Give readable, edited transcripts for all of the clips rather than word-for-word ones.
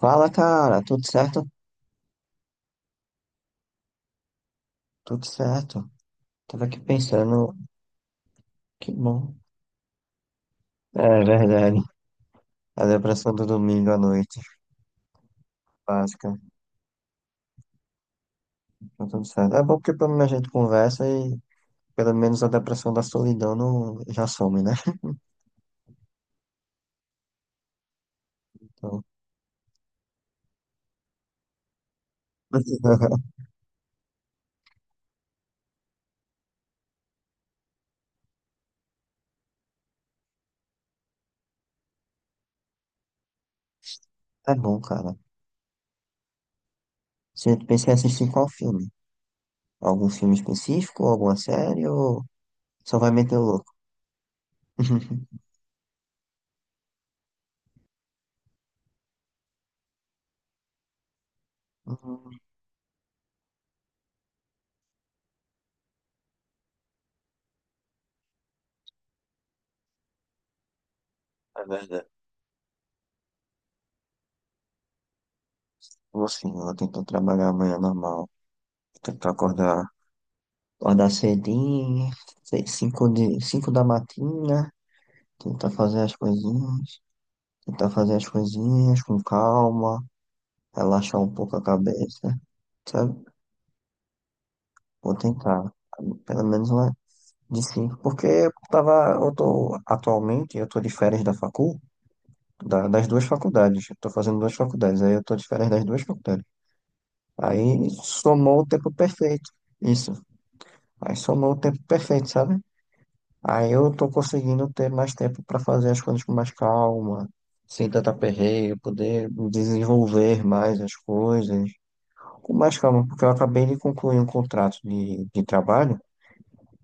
Fala, cara, tudo certo? Tudo certo. Tava aqui pensando, que bom. É verdade. A depressão do domingo à noite, básica. Tá tudo certo. É bom porque pelo menos a gente conversa e pelo menos a depressão da solidão não já some, né? Então, é bom, cara. Você pensa em assistir qual filme? Algum filme específico, alguma série ou só vai meter o louco? Hum, É verdade. Vou sim, eu vou tentar trabalhar amanhã normal. Vou tentar acordar cedinho, sei, 5 da matina, tentar fazer as coisinhas, com calma, relaxar um pouco a cabeça, sabe? Vou tentar, pelo menos lá de cinco, porque eu tô, atualmente, eu tô de férias das duas faculdades, eu tô fazendo duas faculdades, aí eu tô de férias das duas faculdades. Aí somou o tempo perfeito, isso, aí somou o tempo perfeito, sabe? Aí eu tô conseguindo ter mais tempo para fazer as coisas com mais calma, sem tanta perreio, poder desenvolver mais as coisas com mais calma, porque eu acabei de concluir um contrato de trabalho,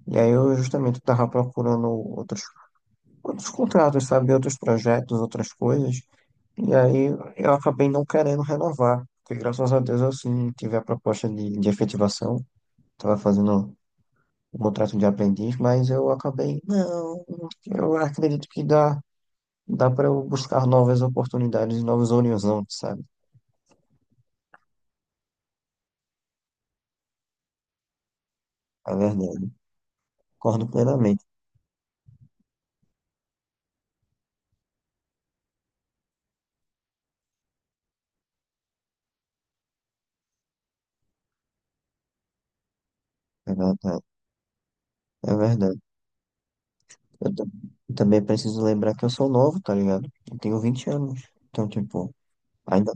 e aí eu justamente estava procurando outros contratos, sabe, outros projetos, outras coisas, e aí eu acabei não querendo renovar, porque graças a Deus eu sim tive a proposta de efetivação, estava fazendo um contrato de aprendiz, mas eu acabei, não, eu acredito que dá. Dá para eu buscar novas oportunidades, novos horizontes, sabe? É verdade. Concordo plenamente. É verdade. É verdade. Eu, ta- eu também preciso lembrar que eu sou novo, tá ligado? Eu tenho 20 anos. Então, tipo, ainda,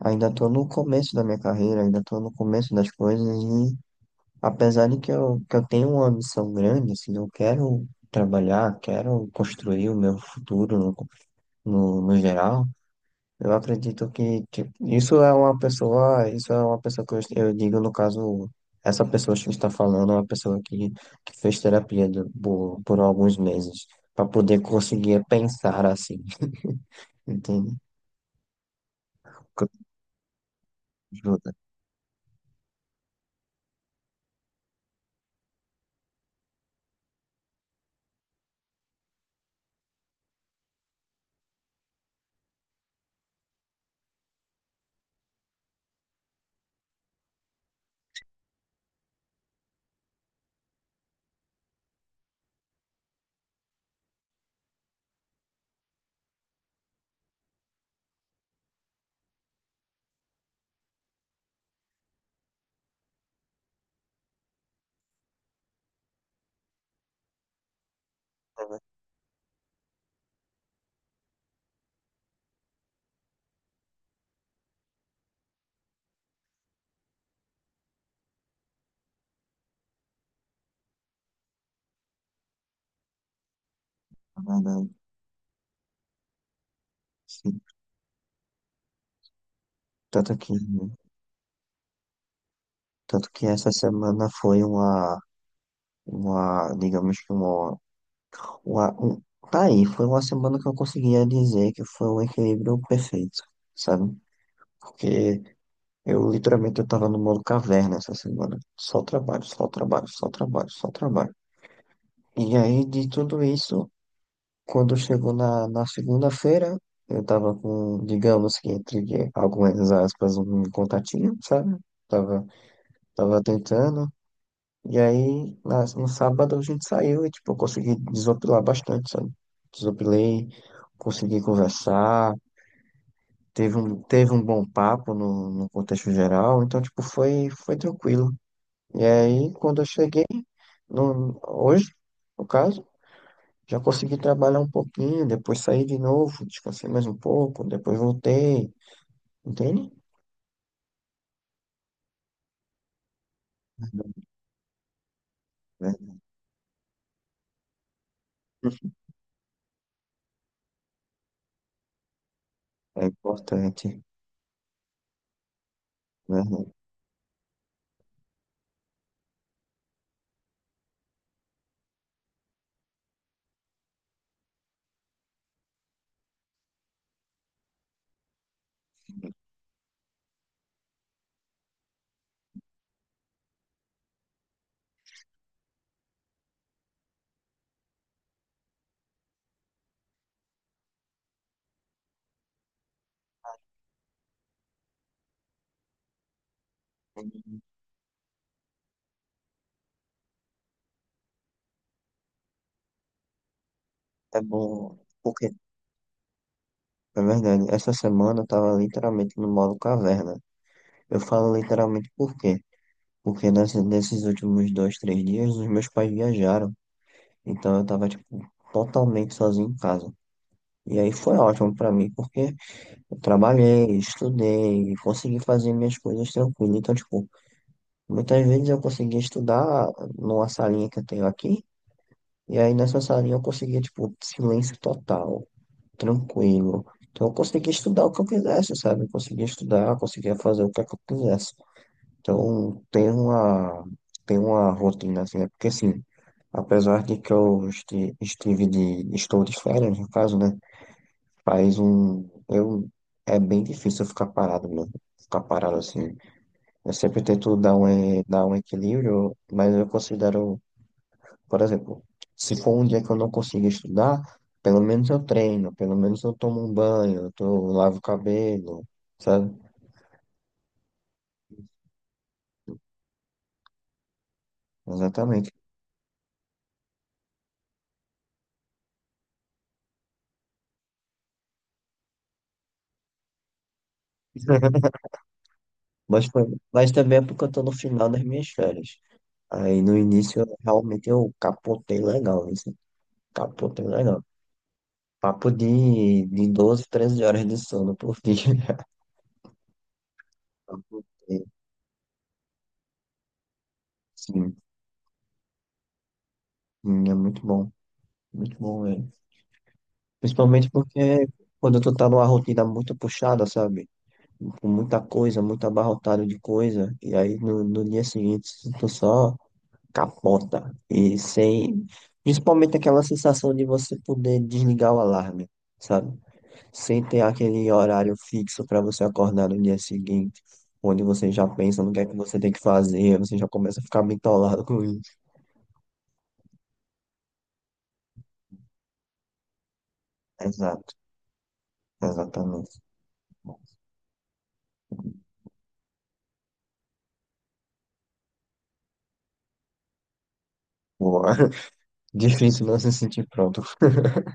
ainda tô no começo da minha carreira, ainda tô no começo das coisas e apesar de que que eu tenho uma ambição grande, assim, eu quero trabalhar, quero construir o meu futuro no geral. Eu acredito que, tipo, isso é uma pessoa que eu digo, no caso, essa pessoa que está falando é uma pessoa que fez terapia por alguns meses, para poder conseguir pensar assim, entende? Co- Ajuda, é verdade, sim. Tanto que, tanto que essa semana foi digamos que uma um, tá aí, foi uma semana que eu conseguia dizer que foi um equilíbrio perfeito, sabe? Porque Eu literalmente eu tava no modo caverna essa semana. Só trabalho, só trabalho, só trabalho, só trabalho. E aí de tudo isso, quando chegou na segunda-feira, eu tava com, digamos que entre algumas aspas, um contatinho, sabe? Tava, tava tentando. E aí no sábado a gente saiu e tipo, eu consegui desopilar bastante, sabe? Desopilei, consegui conversar. Teve um bom papo no contexto geral, então, tipo, foi tranquilo. E aí, quando eu cheguei, no, hoje, no caso, já consegui trabalhar um pouquinho, depois saí de novo, descansei mais um pouco, depois voltei, entende? É é importante, né? É bom, porque, é verdade, essa semana eu tava literalmente no modo caverna. Eu falo literalmente por quê? Porque nesses últimos 2, 3 dias, os meus pais viajaram, então eu tava, tipo, totalmente sozinho em casa. E aí foi ótimo pra mim, porque eu trabalhei, estudei, consegui fazer minhas coisas tranquilo. Então, tipo, muitas vezes eu conseguia estudar numa salinha que eu tenho aqui, e aí nessa salinha eu conseguia, tipo, silêncio total, tranquilo. Então, eu conseguia estudar o que eu quisesse, sabe? Eu conseguia estudar, eu conseguia fazer o que é que eu quisesse. Então, tem uma rotina, assim, é porque, assim, apesar de que eu estou de férias, no caso, né? Faz um. Eu... É bem difícil eu ficar parado, mano. Ficar parado assim. Eu sempre tento dar um equilíbrio, mas eu considero, por exemplo, se for um dia que eu não consigo estudar, pelo menos eu treino, pelo menos eu tomo um banho, eu lavo o cabelo, sabe? Exatamente. Mas, mas também é porque eu tô no final das minhas férias. Aí no início realmente eu capotei legal, isso. Capotei legal. Papo de 12, 13 horas de sono por dia. Papo de- Sim, sim, é muito bom. Muito bom, velho. Principalmente porque quando tu tá numa rotina muito puxada, sabe? Com muita coisa, muito abarrotado de coisa. E aí no dia seguinte tu só capota. E sem. Principalmente aquela sensação de você poder desligar o alarme, sabe? Sem ter aquele horário fixo para você acordar no dia seguinte, onde você já pensa no que é que você tem que fazer, você já começa a ficar bitolado com isso. Exato, exatamente. Boa. Difícil não se sentir pronto.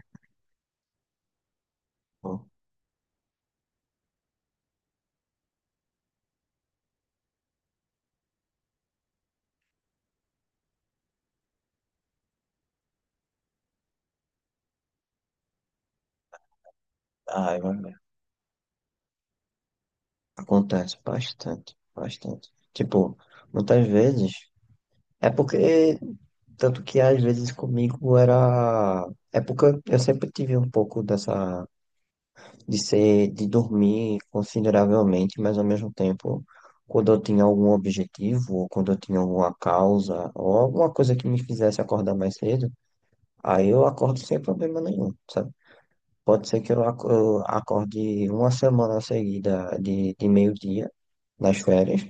Ai, mano, acontece bastante, bastante. Tipo, muitas vezes. É porque, tanto que às vezes comigo era. É porque eu sempre tive um pouco dessa. De ser, de dormir consideravelmente, mas ao mesmo tempo, quando eu tinha algum objetivo, ou quando eu tinha alguma causa, ou alguma coisa que me fizesse acordar mais cedo, aí eu acordo sem problema nenhum, sabe? Pode ser que eu acorde uma semana seguida de meio-dia nas férias,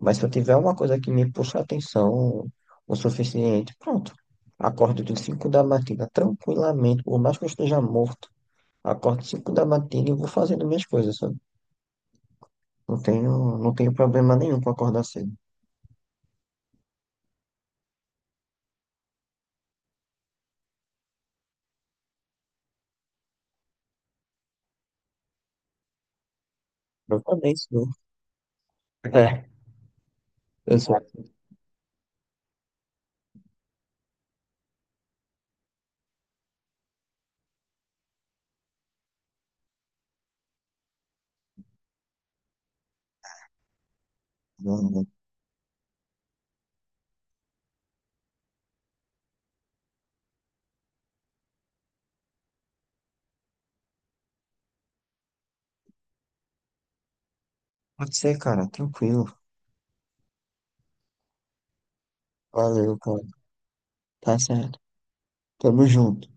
mas se eu tiver uma coisa que me puxa a atenção o suficiente, pronto. Acordo de 5 da matina tranquilamente, por mais que eu esteja morto. Acordo 5 da matina e vou fazendo minhas coisas, sabe? Não tenho problema nenhum com acordar cedo. Eu também sou. É, eu sou. Não, não. Pode ser, cara, tranquilo. Valeu, cara. Tá certo. Tamo junto.